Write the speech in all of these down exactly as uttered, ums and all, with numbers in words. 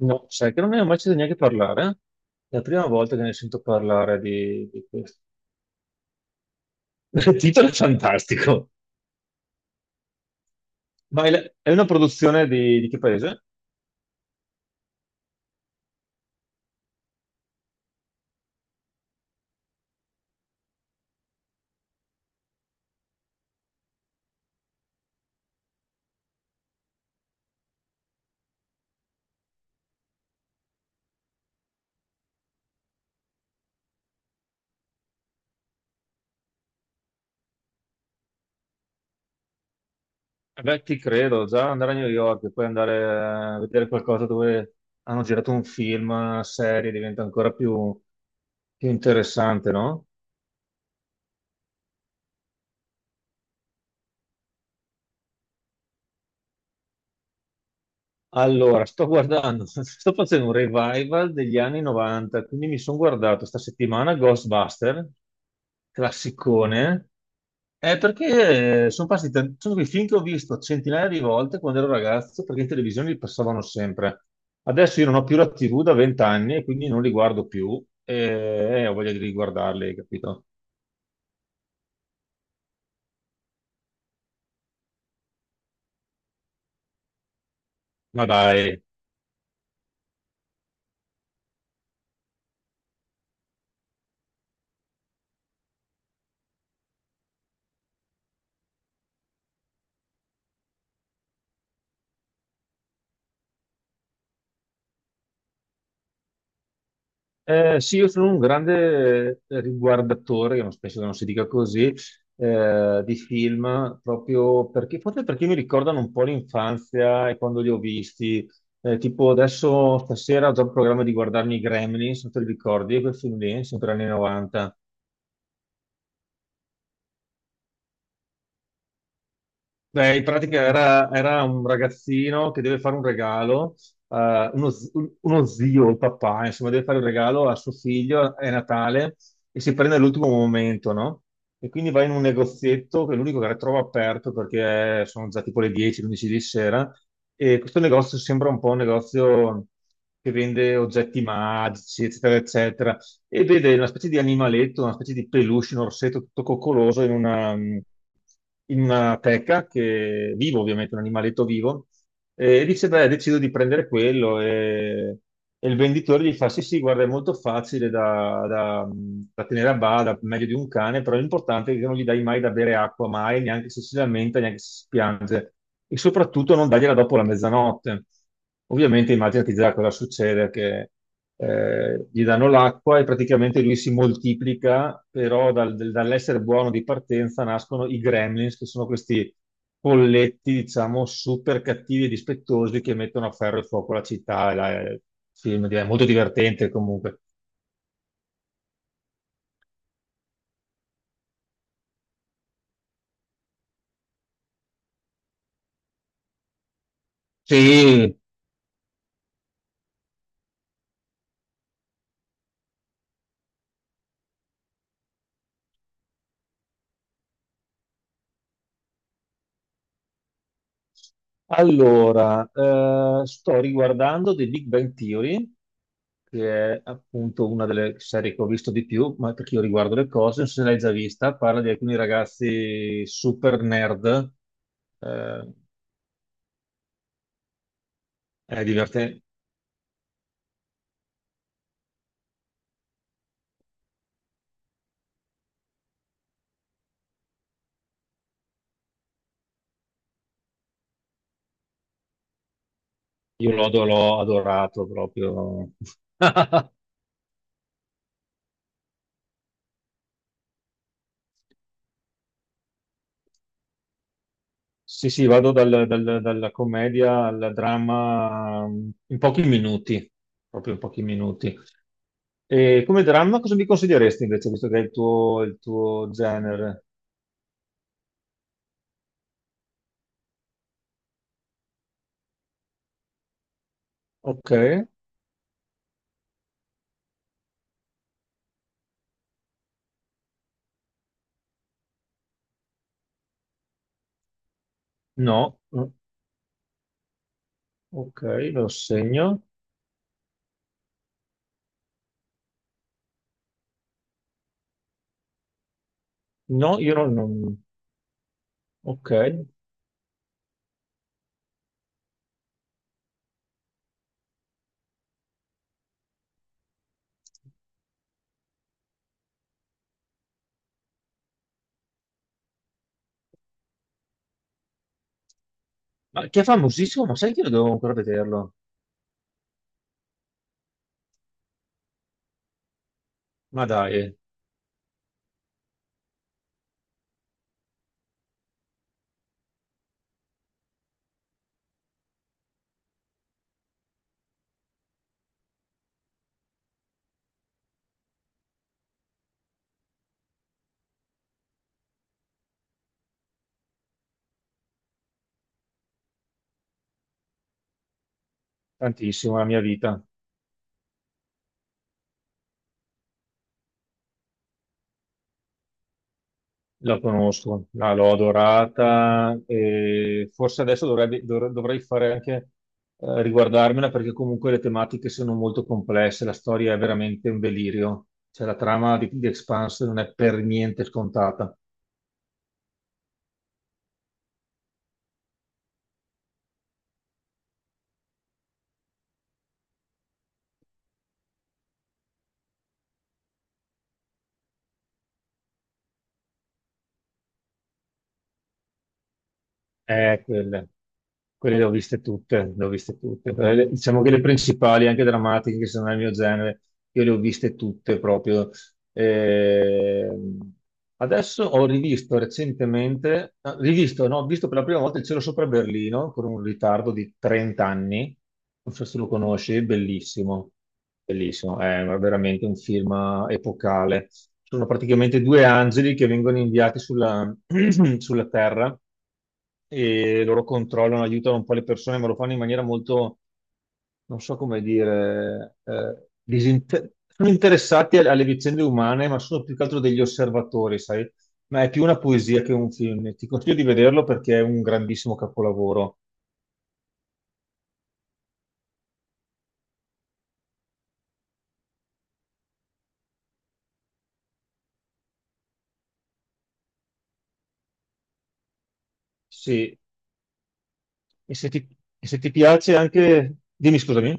No, sai che non ne ho mai sentito neanche parlare. È la prima volta che ne sento parlare di, di questo. Il titolo è fantastico. Ma è, la- è una produzione di, di che paese? Beh, ti credo, già andare a New York e poi andare a vedere qualcosa dove hanno girato un film, una serie, diventa ancora più, più interessante, no? Allora, sto guardando, sto facendo un revival degli anni novanta, quindi mi sono guardato sta settimana Ghostbuster, classicone, è perché sono passati tan- sono quei film che ho visto centinaia di volte quando ero ragazzo, perché in televisione li passavano sempre. Adesso io non ho più la tivù da vent'anni e quindi non li guardo più e e ho voglia di riguardarli, capito? Ma dai. Eh, sì, io sono un grande eh, riguardatore, io non- penso che non si dica così, eh, di film, proprio perché, forse perché mi ricordano un po' l'infanzia e quando li ho visti. Eh, tipo adesso stasera ho già il programma di guardarmi i Gremlins, non te li ricordi, quel film lì, sempre anni novanta. Beh, in pratica era, era un ragazzino che deve fare un regalo, eh, uno, z- uno zio, il papà, insomma, deve fare un regalo a suo figlio, è Natale, e si prende all'ultimo momento, no? E quindi va in un negozietto, che è l'unico che trova aperto, perché sono già tipo le dieci, undici di sera, e questo negozio sembra un po' un negozio che vende oggetti magici, eccetera, eccetera, e vede una specie di animaletto, una specie di peluche, un orsetto tutto coccoloso in una, in una teca, che, vivo ovviamente, un animaletto vivo, e dice, beh, decido di prendere quello e, e il venditore gli fa, sì, sì, guarda, è molto facile da, da- da tenere a bada, meglio di un cane, però l'importante è che non gli dai mai da bere acqua, mai, neanche se si lamenta, neanche se si piange, e soprattutto non dargliela dopo la mezzanotte. Ovviamente immaginati già cosa succede, che eh, gli danno l'acqua e praticamente lui si moltiplica, però dal- del- dall'essere buono di partenza nascono i gremlins, che sono questi polletti, diciamo, super cattivi e dispettosi che mettono a ferro e fuoco la città. E la- sì, è molto divertente comunque. Sì. Allora, eh, sto riguardando The Big Bang Theory, che è appunto una delle serie che ho visto di più, ma perché io riguardo le cose, non so se l'hai già vista, parla di alcuni ragazzi super nerd, eh, è divertente, io l'ho l'ho adorato proprio. Sì, sì, vado dal- dal- dalla commedia al dramma mm, in pochi minuti, proprio in pochi minuti. E come dramma cosa mi consiglieresti invece, visto che è il tuo, il tuo genere? Ok, no, mm, ok, me lo segno. No, io non... non- Ok. Ma che fa famosissimo, ma sai che io devo ancora vederlo? Ma dai, tantissimo la mia vita. La conosco, la- l'ho adorata e forse adesso dovrebbe- dovre- dovrei fare anche eh, riguardarmela perché comunque le tematiche sono molto complesse, la storia è veramente un delirio, cioè la trama di, di Expanse non è per niente scontata. Eh, quelle, quelle le ho viste tutte, le ho viste tutte. Però le- diciamo che le principali, anche drammatiche, che sono nel mio genere, io le ho viste tutte proprio. Ehm, Adesso ho rivisto recentemente, ah, rivisto, no, ho visto per la prima volta Il cielo sopra Berlino con un ritardo di trenta anni. Non so se lo conosci, è bellissimo, bellissimo, è veramente un film epocale. Sono praticamente due angeli che vengono inviati sulla sulla Terra e loro controllano, aiutano un po' le persone, ma lo fanno in maniera molto, non so come dire, eh, disinter- sono interessati alle alle vicende umane, ma sono più che altro degli osservatori, sai? Ma è più una poesia che un film. Ti consiglio di vederlo perché è un grandissimo capolavoro. Sì, e se ti, e se ti piace anche... Dimmi, scusami.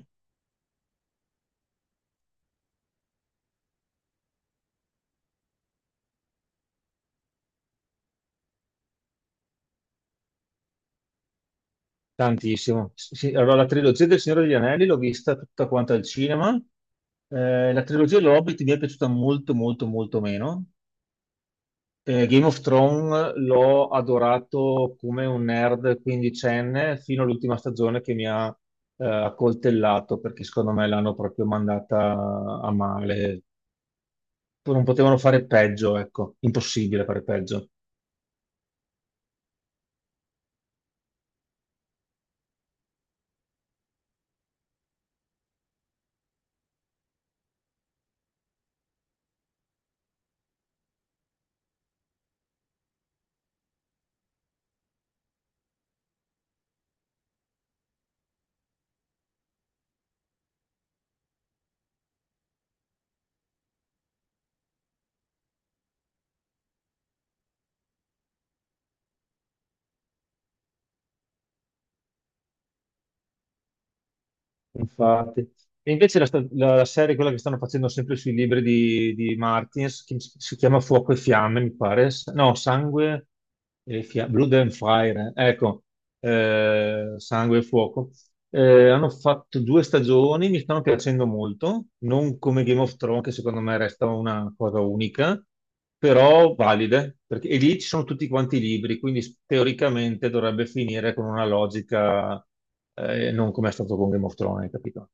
Tantissimo. Sì, allora la trilogia del Signore degli Anelli l'ho vista tutta quanta al cinema. Eh, la trilogia dell'Hobbit mi è piaciuta molto, molto, molto meno. Eh, Game of Thrones l'ho adorato come un nerd quindicenne fino all'ultima stagione che mi ha eh, accoltellato perché secondo me l'hanno proprio mandata a male. Non potevano fare peggio, ecco, impossibile fare peggio. Infatti. E invece la, sta- la- la serie, quella che stanno facendo sempre sui libri di, di Martins, che si chiama Fuoco e Fiamme, mi pare. S- No, Sangue e Fiamme, Blood and Fire, eh. ecco, eh, sangue e fuoco. Eh, hanno fatto due stagioni, mi stanno piacendo molto, non come Game of Thrones, che secondo me resta una cosa unica, però valide, perché e lì ci sono tutti quanti i libri, quindi s- teoricamente dovrebbe finire con una logica, eh, non come è stato con Game of Thrones, capito?